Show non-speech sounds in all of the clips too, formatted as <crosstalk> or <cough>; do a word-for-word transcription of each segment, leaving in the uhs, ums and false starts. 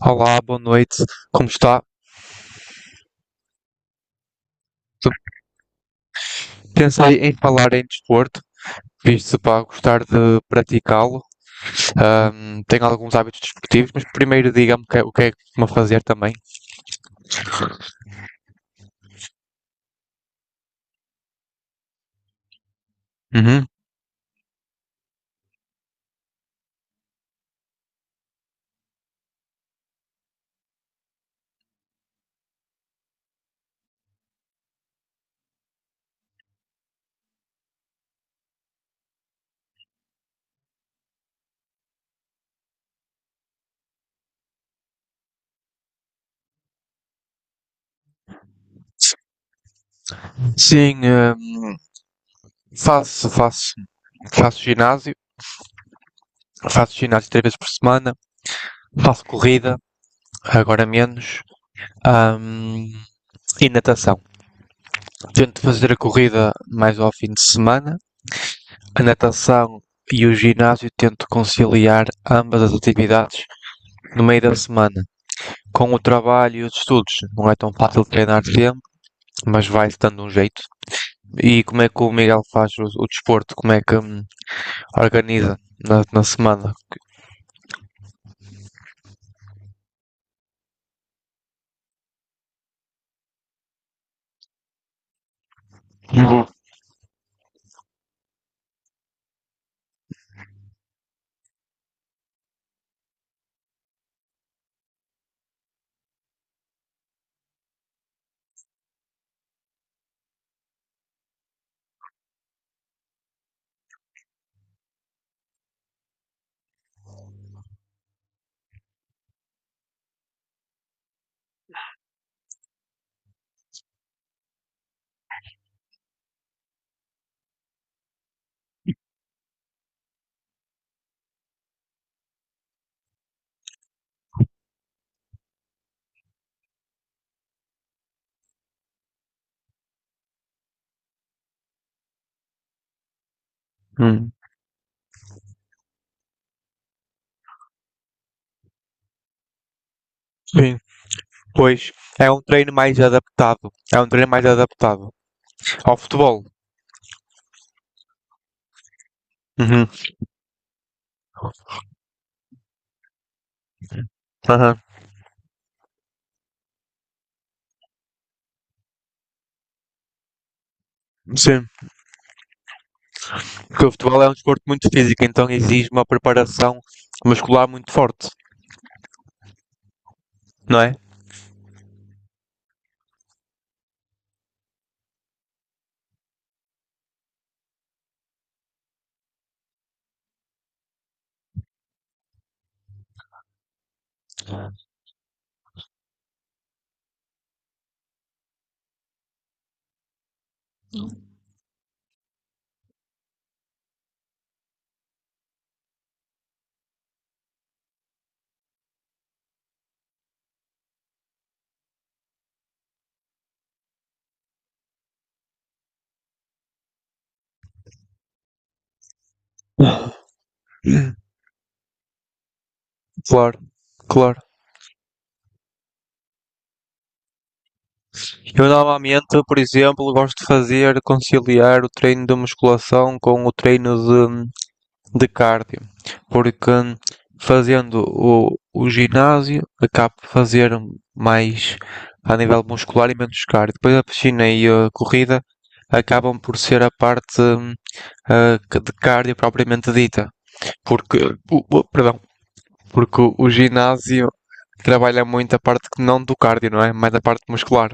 Olá, boa noite. Como está? Pensei em falar em desporto, visto para gostar de praticá-lo. Ahm, tenho alguns hábitos desportivos, mas primeiro diga-me o que é- o que é que costuma fazer também. Uhum. Sim, ahm, faço, faço, faço ginásio, faço ginásio três vezes por semana, faço corrida, agora menos, ahm, e natação. Tento fazer a corrida mais ao fim de semana, a natação e o ginásio tento conciliar ambas as atividades no meio da semana. Com o trabalho e os estudos, não é tão fácil treinar tempo, mas vai-se dando um jeito. E como é que o Miguel faz o, o desporto? Como é que hum, organiza na, na semana? Hum. Sim, pois, é um treino mais adaptado. É um treino mais adaptado ao futebol. Uhum. Aham. Sim. Porque o futebol é um desporto muito físico, então exige uma preparação muscular muito forte, não é? Claro, claro. Eu normalmente, por exemplo, gosto de fazer conciliar o treino de musculação com o treino de, de cardio, porque fazendo o, o ginásio acabo de fazer mais a nível muscular e menos cardio. Depois a piscina e a corrida acabam por ser a parte ah, de cardio propriamente dita, porque, o- perdão, porque o o ginásio trabalha muito a parte que não do cardio, não é? Mais a parte muscular.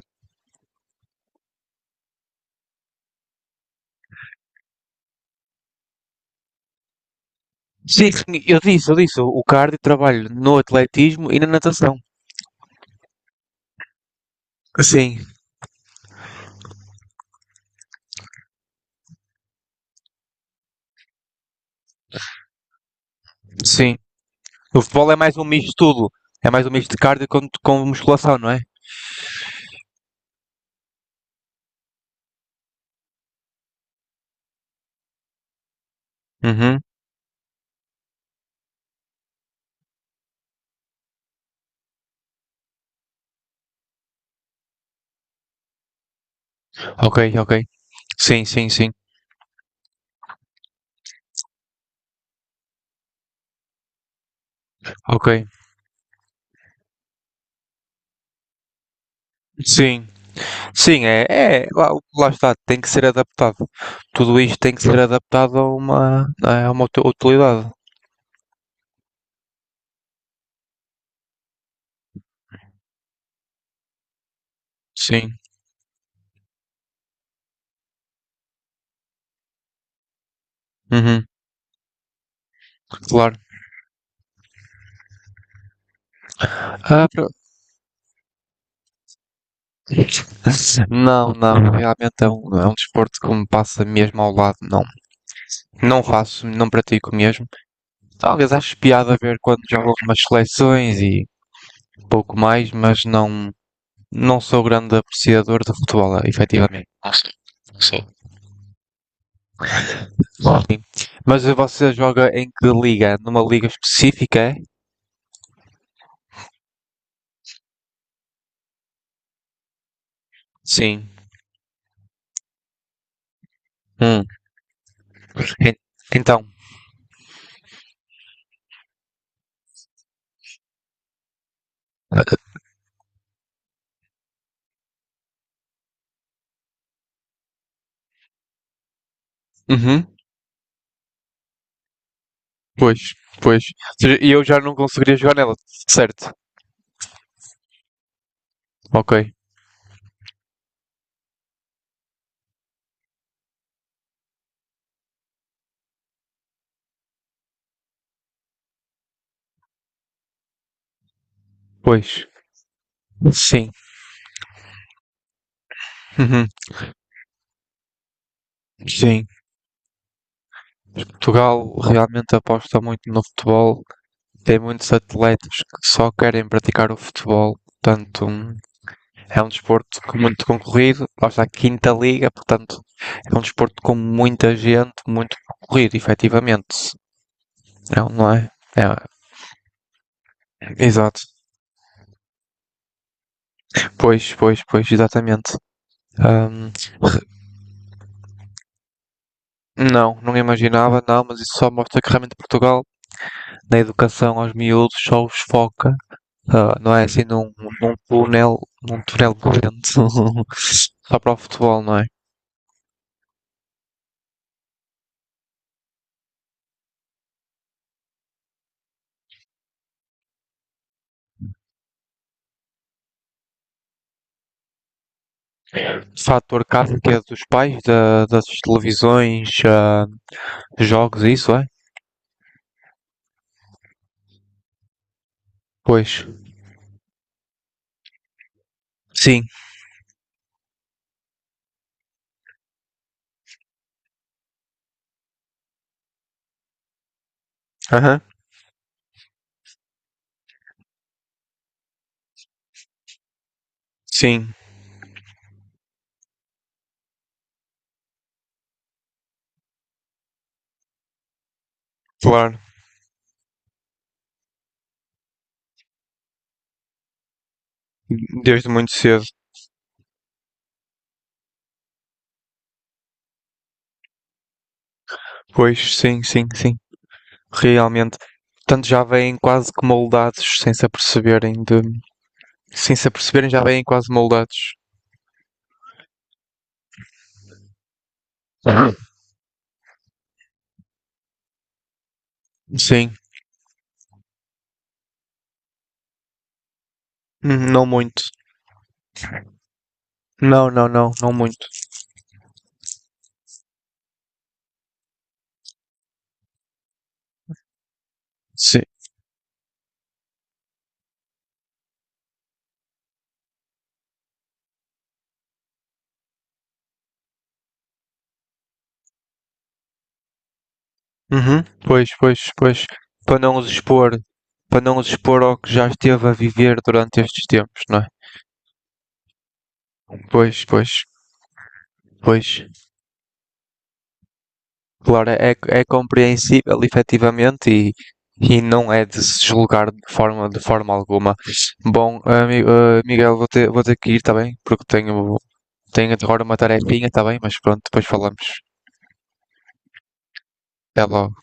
Sim, sim, eu disse, eu disse, o cardio trabalho no atletismo e na natação. Sim, sim. O futebol é mais um misto de tudo. É mais um misto de cardio com, com musculação, não é? Uhum. Ok, ok. Sim, sim, sim. Ok. Sim. Sim, é, é lá, lá está, tem que ser adaptado. Tudo isto tem que ser adaptado a uma, a uma uti- utilidade. Sim. Uhum. Claro. Ah, pro- não, não, realmente é um, é um desporto que me passa mesmo ao lado, não. Não faço, não pratico mesmo. Talvez acho piada a ver quando jogo algumas seleções e pouco mais, mas não, não sou grande apreciador de futebol, efetivamente. Mas você joga em que liga? Numa liga específica, é? Sim. Hum. en- Então. Uhum. Pois, pois. Ou seja, e eu já não conseguiria jogar nela, certo? Ok. Pois. Sim. Uhum. Sim. Portugal realmente aposta muito no futebol. Tem muitos atletas que só querem praticar o futebol. Tanto um É um desporto muito concorrido, lá está a quinta liga, portanto, é um desporto com muita gente, muito concorrido, efetivamente. Não, não é? É, exato. Pois, pois, pois, exatamente. Ahm, não, não imaginava, não, mas isso só mostra que realmente Portugal, na educação aos miúdos, só os foca, ah, não é assim, num, num túnel, num túnel corrente, <laughs> só para o futebol, não é? Fator casa que é dos pais, da- das televisões, ah, jogos, isso é? Pois, sim, aham, sim, claro, desde muito cedo. Pois, sim, sim, sim, realmente. Portanto, já vêm quase que moldados, sem se aperceberem de... Sem se aperceberem, já vêm quase moldados. Sim. Hum, não muito. Não, não, não, não muito. Sim. Uhum, pois, pois, pois. Para não os expor, para não os expor ao que já esteve a viver durante estes tempos, não é? Pois, pois, pois. Claro, é, é compreensível, efetivamente, e, e não é de se julgar de forma, de forma alguma. Bom, ami- eh, Miguel, vou ter, vou ter que ir, está bem? Porque tenho, tenho agora uma tarefinha, está bem? Mas pronto, depois falamos. Até logo.